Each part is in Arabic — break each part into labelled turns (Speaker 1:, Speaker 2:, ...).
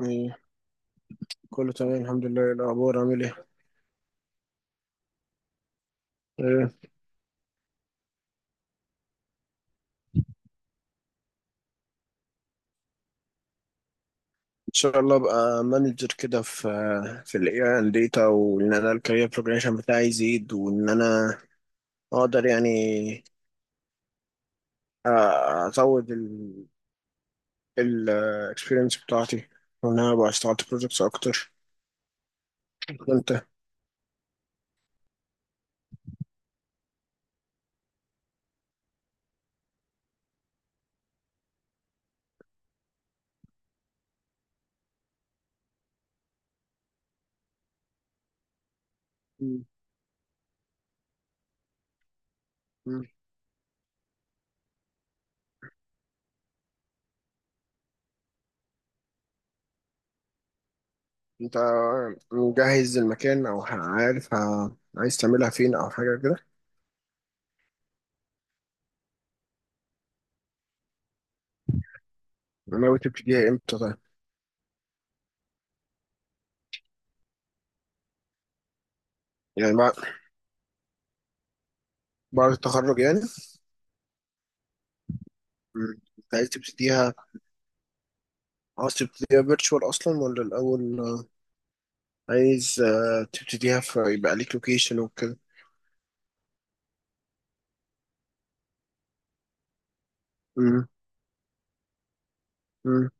Speaker 1: إيه. كله تمام الحمد لله، إيه الأخبار عامل إيه؟ إيه، إن شاء الله أبقى مانجر كده في ال AI and data، وإن أنا الكارير بروجريشن بتاعي يزيد، وإن أنا أقدر يعني أ- أزود ال experience بتاعتي، وإن أنا أبقى اشتغلت projects أكتر. وأنت؟ مم. مم. أنت مجهز المكان أو عارف عايز تعملها فين أو حاجة كده؟ ناوي تبتديها إمتى طيب؟ يعني بعد بعد التخرج يعني؟ مم. أنت عايز تبتديها، عاوز تبتديها فيرتشوال اصلا ولا الاول عايز تبتديها فيبقى ليك لوكيشن وكده؟ مم. مم.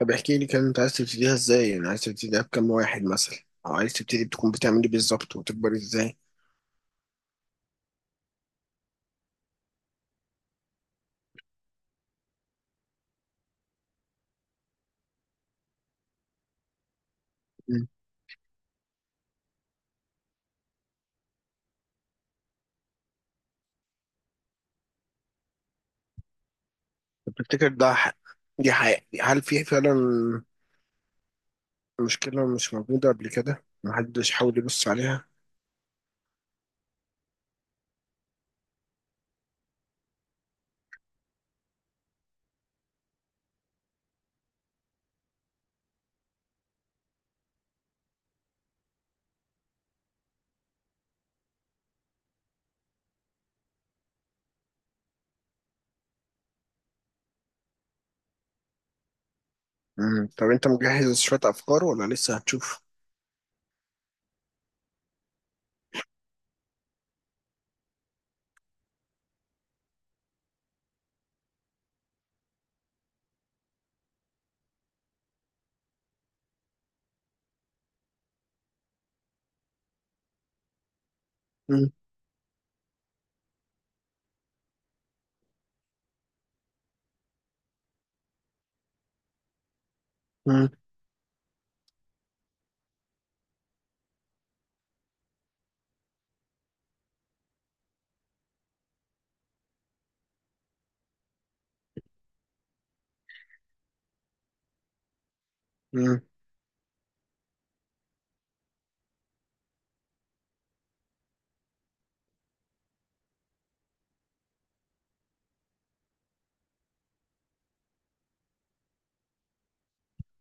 Speaker 1: طب احكي لي كان انت عايز تبتديها ازاي، يعني عايز تبتديها بكام واحد مثلا، او عايز تبتدي بتكون بتعمل ايه بالظبط وتكبر ازاي؟ مم. طب تفتكر ده دي حقيقة؟ هل في فعلا مشكلة مش موجودة قبل كده محدش حاول يبص عليها؟ مم. طب انت مجهز شوية افكار ولا لسه هتشوف؟ مم. مم. مم.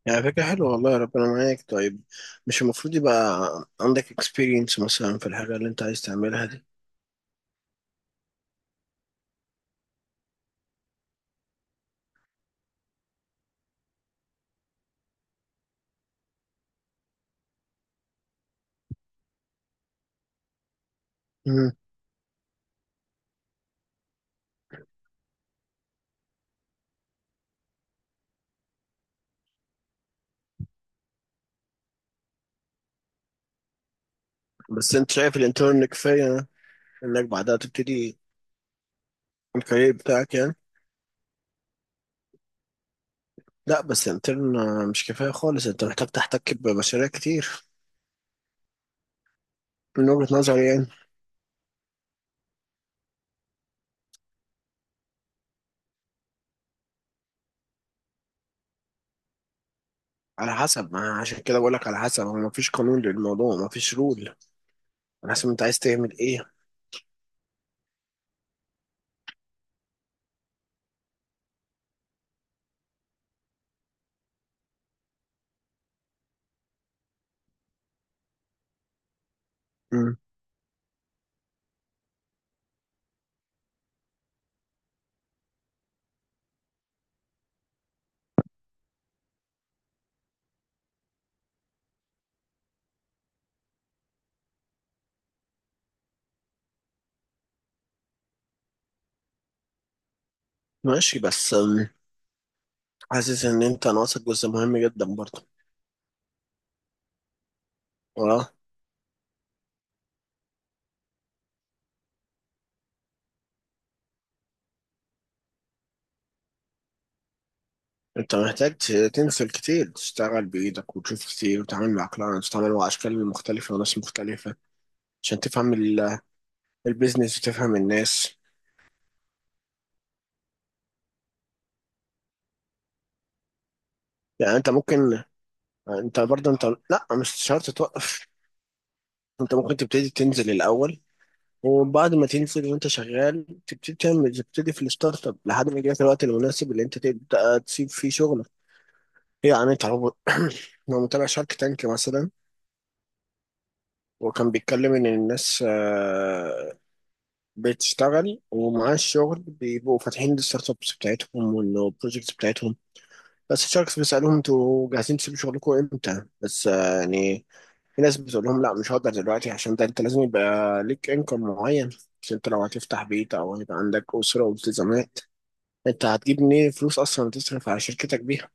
Speaker 1: يعني فكرة حلوة والله، ربنا معاك. طيب مش المفروض يبقى عندك experience مثلا في الحاجة اللي انت عايز تعملها دي؟ مم. بس انت شايف الانترن كفاية انك بعدها تبتدي الكارير بتاعك يعني؟ لا، بس الانترن مش كفاية خالص، انت محتاج تحتك بمشاريع كتير، من وجهة نظري يعني. على حسب ما، عشان كده بقولك على حسب، هو مفيش قانون للموضوع، مفيش رول. على حسب انت عايز تعمل ايه. مم. ماشي، بس حاسس ان انت ناقصك جزء مهم جدا برضه. اه، انت محتاج تنزل كتير، تشتغل بايدك وتشوف كتير وتتعامل مع كلاينتس وتتعامل مع اشكال مختلفه وناس مختلفه، عشان تفهم البيزنس وتفهم الناس. يعني انت ممكن، انت برضه انت، لا مش شرط توقف. انت ممكن تبتدي تنزل الاول، وبعد ما تنزل وانت شغال تبتدي تعمل، تبتدي في الستارت اب لحد ما يجيلك الوقت المناسب اللي انت تبدا تسيب فيه شغلك. يعني انت لو لو متابع شارك تانك مثلا، وكان بيتكلم ان الناس بتشتغل ومعاها الشغل بيبقوا فاتحين الستارت ابس بتاعتهم والبروجكتس بتاعتهم، بس الشركس بيسألهم انتوا جاهزين تسيبوا شغلكم امتى؟ بس يعني في ناس بتقول لهم لا مش هقدر دلوقتي، عشان ده انت لازم يبقى ليك انكم معين، عشان انت لو هتفتح بيت او هيبقى عندك اسره والتزامات، انت هتجيب منين فلوس اصلا تصرف على شركتك بيها؟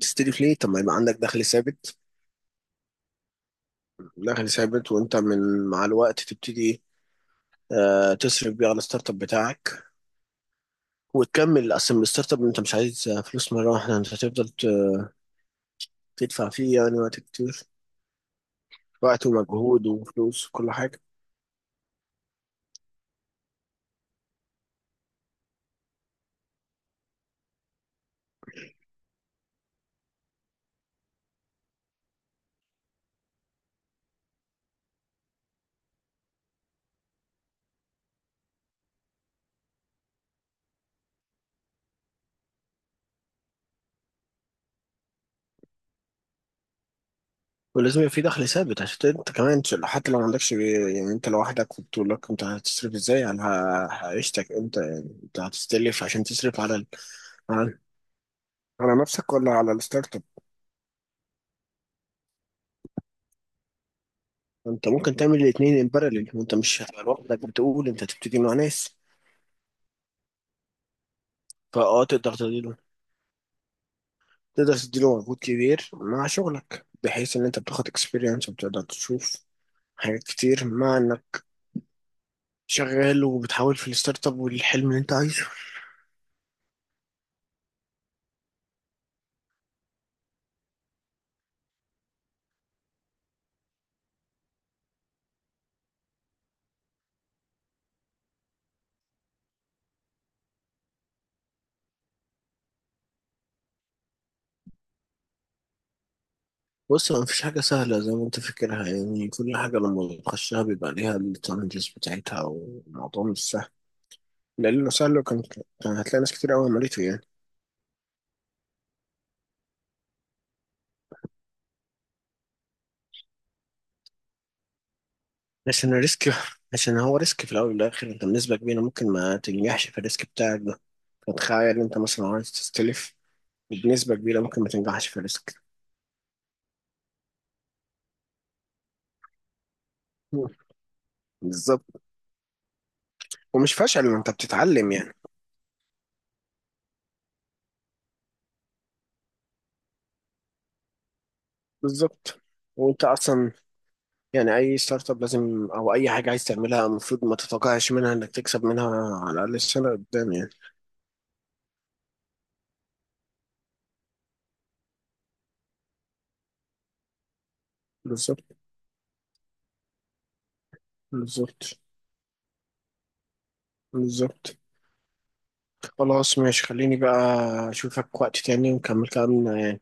Speaker 1: تستلف ليه؟ طب ما يبقى عندك دخل ثابت، دخل ثابت، وانت من مع الوقت تبتدي تصرف بيه على الستارت اب بتاعك، وتكمل اصلا الستارت اب. انت مش عايز فلوس مره واحده، انت هتفضل تدفع فيه يعني وقت كتير، وقت ومجهود وفلوس وكل حاجه. ولازم يبقى في دخل ثابت، عشان انت كمان حتى لو ما عندكش يعني انت لوحدك في بطولك، انت هتصرف ازاي على عيشتك انت؟ يعني انت هتستلف عشان تصرف على على على نفسك ولا على الستارت اب؟ انت ممكن تعمل الاثنين ان باراليل، وانت مش هتبقى لوحدك، بتقول انت هتبتدي مع ناس. فاه تقدر تدير، تقدر تديله مجهود كبير مع شغلك، بحيث ان انت بتاخد اكسبيرينس وبتقدر تشوف حاجات كتير مع انك شغال وبتحاول في الستارت اب والحلم اللي انت عايزه. بص، ما فيش حاجة سهلة زي ما انت فاكرها، يعني كل حاجة لما بتخشها بيبقى ليها التشالنجز بتاعتها والموضوع مش سهل. لأنه سهل كان، كان هتلاقي ناس كتير قوي عملته يعني. عشان الريسك، عشان هو ريسك في الأول والآخر، انت بنسبة كبيرة ممكن ما تنجحش في الريسك بتاعك ده. فتخيل انت مثلا عايز تستلف، بنسبة كبيرة ممكن ما تنجحش في الريسك. بالظبط. ومش فشل، ما انت بتتعلم يعني. بالظبط. وانت اصلا يعني اي ستارت اب لازم، او اي حاجه عايز تعملها، المفروض ما تتوقعش منها انك تكسب منها، على الاقل السنه قدام يعني. بالظبط. بالظبط. بالظبط. خلاص، ماشي. خليني بقى اشوفك وقت تاني ونكمل كلامنا يعني.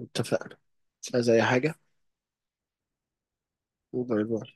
Speaker 1: اتفقنا، مش عايز اي حاجه. باي باي.